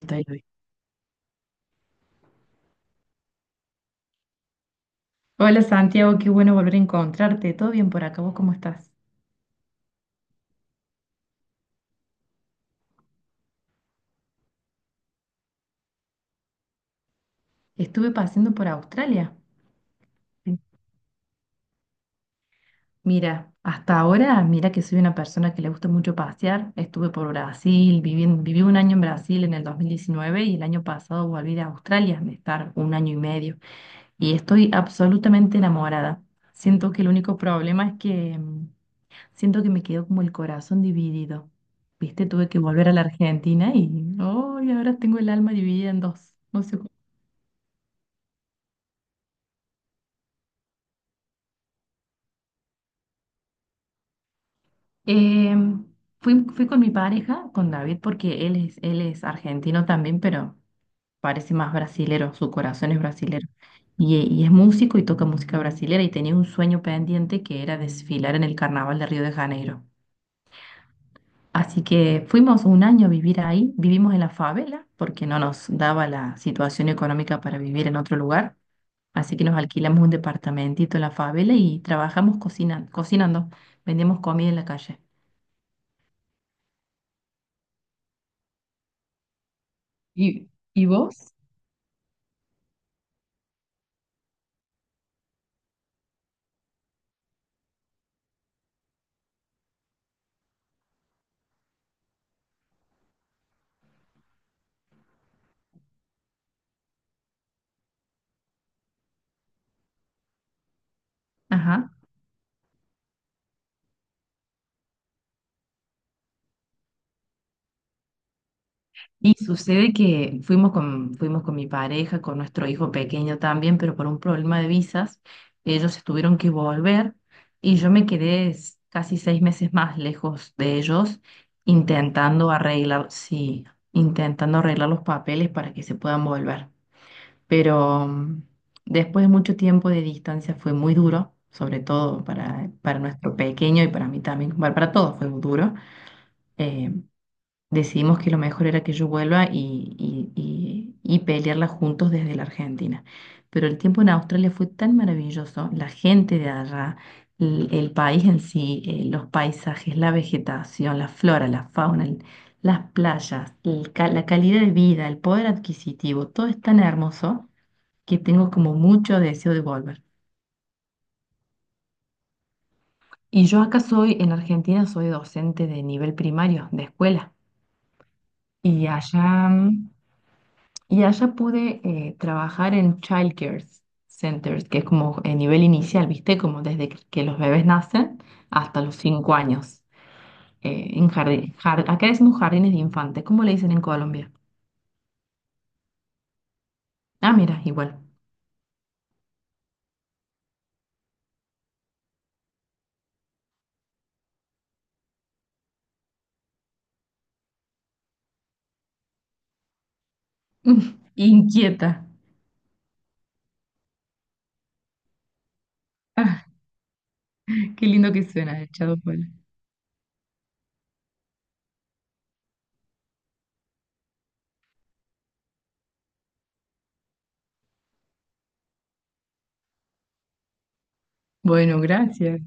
Estoy hoy. Hola Santiago, qué bueno volver a encontrarte. ¿Todo bien por acá? ¿Vos cómo estás? Estuve paseando por Australia. Sí. Mira, hasta ahora, mira que soy una persona que le gusta mucho pasear. Estuve por Brasil, viví un año en Brasil en el 2019 y el año pasado volví de Australia, de estar un año y medio. Y estoy absolutamente enamorada. Siento que el único problema es que siento que me quedó como el corazón dividido. Viste, tuve que volver a la Argentina y hoy ahora tengo el alma dividida en dos. No sé. Em, fui con mi pareja, con David, porque él es argentino también, pero parece más brasilero, su corazón es brasilero. Y es músico y toca música brasilera y tenía un sueño pendiente que era desfilar en el Carnaval de Río de Janeiro. Así que fuimos un año a vivir ahí, vivimos en la favela porque no nos daba la situación económica para vivir en otro lugar. Así que nos alquilamos un departamentito en la favela y trabajamos cocinando, vendíamos comida en la calle. Y vos? Ajá. Y sucede que fuimos con mi pareja, con nuestro hijo pequeño también, pero por un problema de visas, ellos se tuvieron que volver y yo me quedé casi 6 meses más lejos de ellos, sí, intentando arreglar los papeles para que se puedan volver. Pero después de mucho tiempo de distancia fue muy duro, sobre todo para nuestro pequeño y para mí también, bueno, para todos fue muy duro. eh, Decidimos que lo mejor era que yo vuelva y pelearla juntos desde la Argentina. Pero el tiempo en Australia fue tan maravilloso, la gente de allá, el país en sí, los paisajes, la vegetación, la flora, la fauna, las playas, la calidad de vida, el poder adquisitivo, todo es tan hermoso que tengo como mucho deseo de volver. Y yo acá soy, en Argentina, soy docente de nivel primario, de escuela. Y allá Y allá pude trabajar en child care centers, que es como el nivel inicial, ¿viste? Como desde que los bebés nacen hasta los 5 años. En jardín, acá decimos jardines de infantes, ¿cómo le dicen en Colombia? Ah, mira, igual. Inquieta. Ah, qué lindo que suena, el chavo. Bueno, bueno, gracias.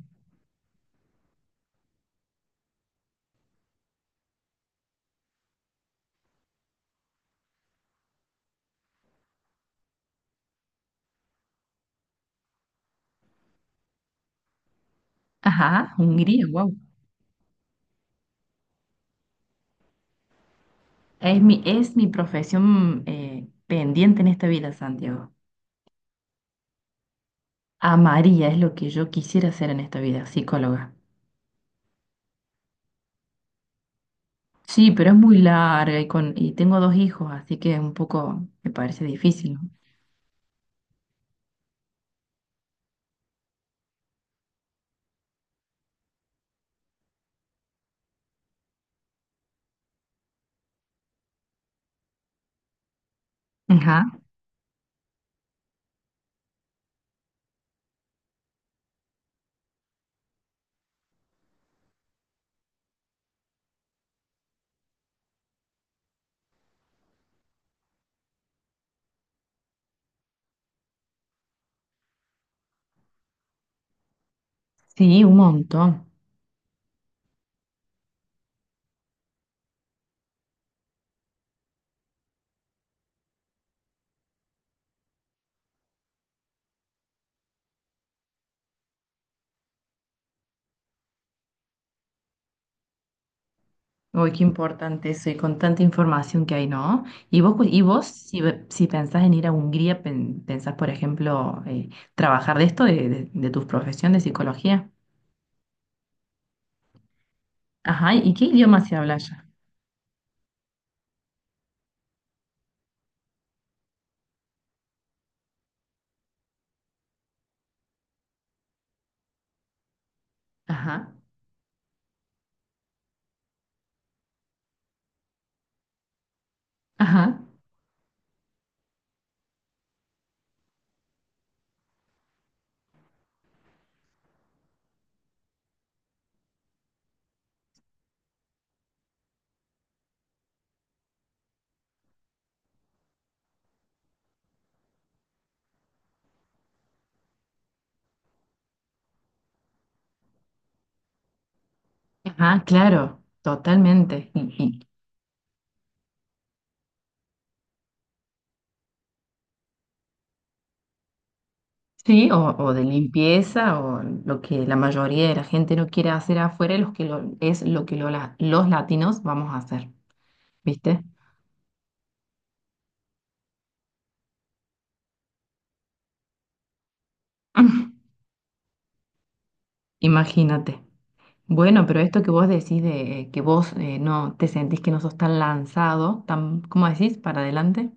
Ajá, Hungría, wow. Es mi profesión pendiente en esta vida, Santiago. Amaría es lo que yo quisiera hacer en esta vida, psicóloga. Sí, pero es muy larga y tengo dos hijos, así que un poco me parece difícil. Ajá, sí, un montón. Uy, qué importante eso y con tanta información que hay, ¿no? Y vos si pensás en ir a Hungría, pensás, por ejemplo, trabajar de esto, de tu profesión de psicología. Ajá, ¿y qué idioma se habla allá? Ajá, ajá, ajá, claro, totalmente. Sí, o de limpieza, o lo que la mayoría de la gente no quiere hacer afuera, es lo que los latinos vamos a hacer, ¿viste? Imagínate. Bueno, pero esto que vos decís de que vos no te sentís que no sos tan lanzado, tan, ¿cómo decís? Para adelante.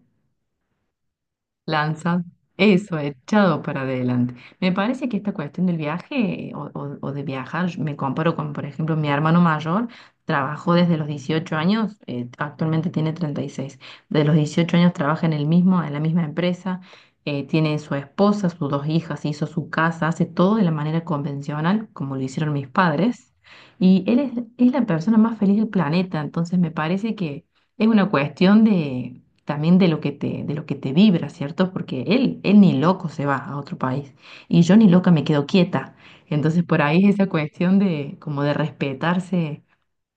Lanza, Eso, echado para adelante. Me parece que esta cuestión del viaje o de viajar, yo me comparo con, por ejemplo, mi hermano mayor, trabajó desde los 18 años, actualmente tiene 36, de los 18 años trabaja en el mismo, en la misma empresa, tiene su esposa, sus dos hijas, hizo su casa, hace todo de la manera convencional, como lo hicieron mis padres, y es la persona más feliz del planeta, entonces me parece que es una cuestión de también de de lo que te vibra, ¿cierto? Porque él ni loco se va a otro país y yo ni loca me quedo quieta. Entonces por ahí es esa cuestión de como de respetarse,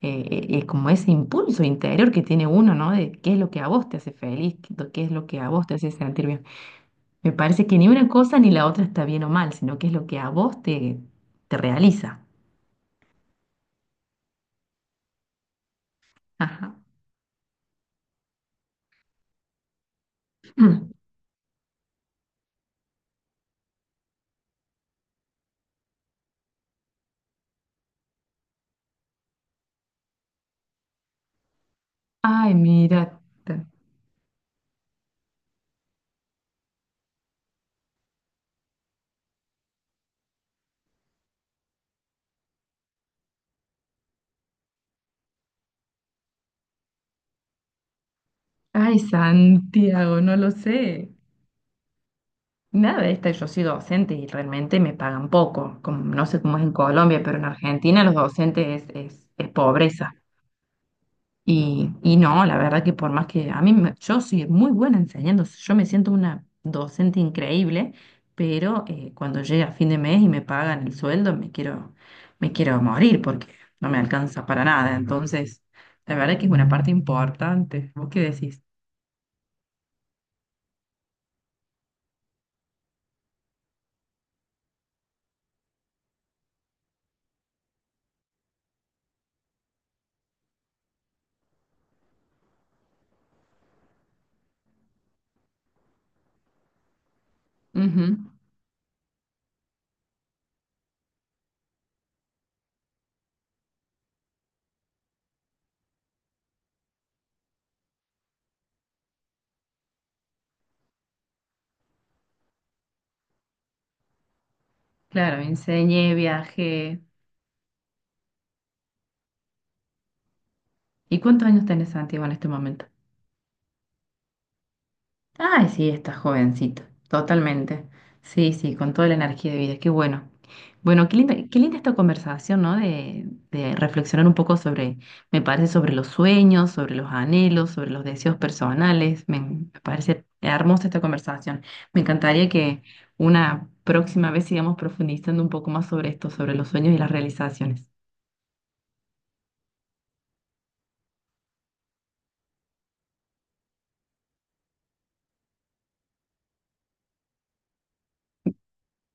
como ese impulso interior que tiene uno, ¿no? De qué es lo que a vos te hace feliz, qué es lo que a vos te hace sentir bien. Me parece que ni una cosa ni la otra está bien o mal, sino que es lo que a vos te realiza. Ajá. Ay, mira. Ay, Santiago, no lo sé. Nada de esta, yo soy docente y realmente me pagan poco. Como, no sé cómo es en Colombia, pero en Argentina los docentes es pobreza. Y no, la verdad que por más que a mí, yo soy muy buena enseñando, yo me siento una docente increíble, pero cuando llega fin de mes y me pagan el sueldo, me quiero morir porque no me alcanza para nada. Entonces, la verdad que es una parte importante. ¿Vos qué decís? Ujú. Claro, enseñé, viajé. ¿Y cuántos años tenés, Santiago, en este momento? Ay, sí, estás jovencito, totalmente. Sí, sí, con toda la energía de vida, qué bueno. Bueno, qué linda esta conversación, ¿no? De reflexionar un poco sobre, me parece, sobre los sueños, sobre los anhelos, sobre los deseos personales. Me parece hermosa esta conversación. Me encantaría que una próxima vez sigamos profundizando un poco más sobre esto, sobre los sueños y las realizaciones.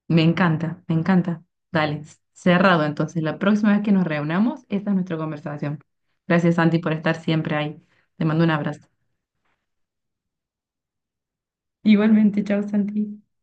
Me encanta, me encanta. Dale, cerrado. Entonces, la próxima vez que nos reunamos, esta es nuestra conversación. Gracias, Santi, por estar siempre ahí. Te mando un abrazo. Igualmente, chao, Santi.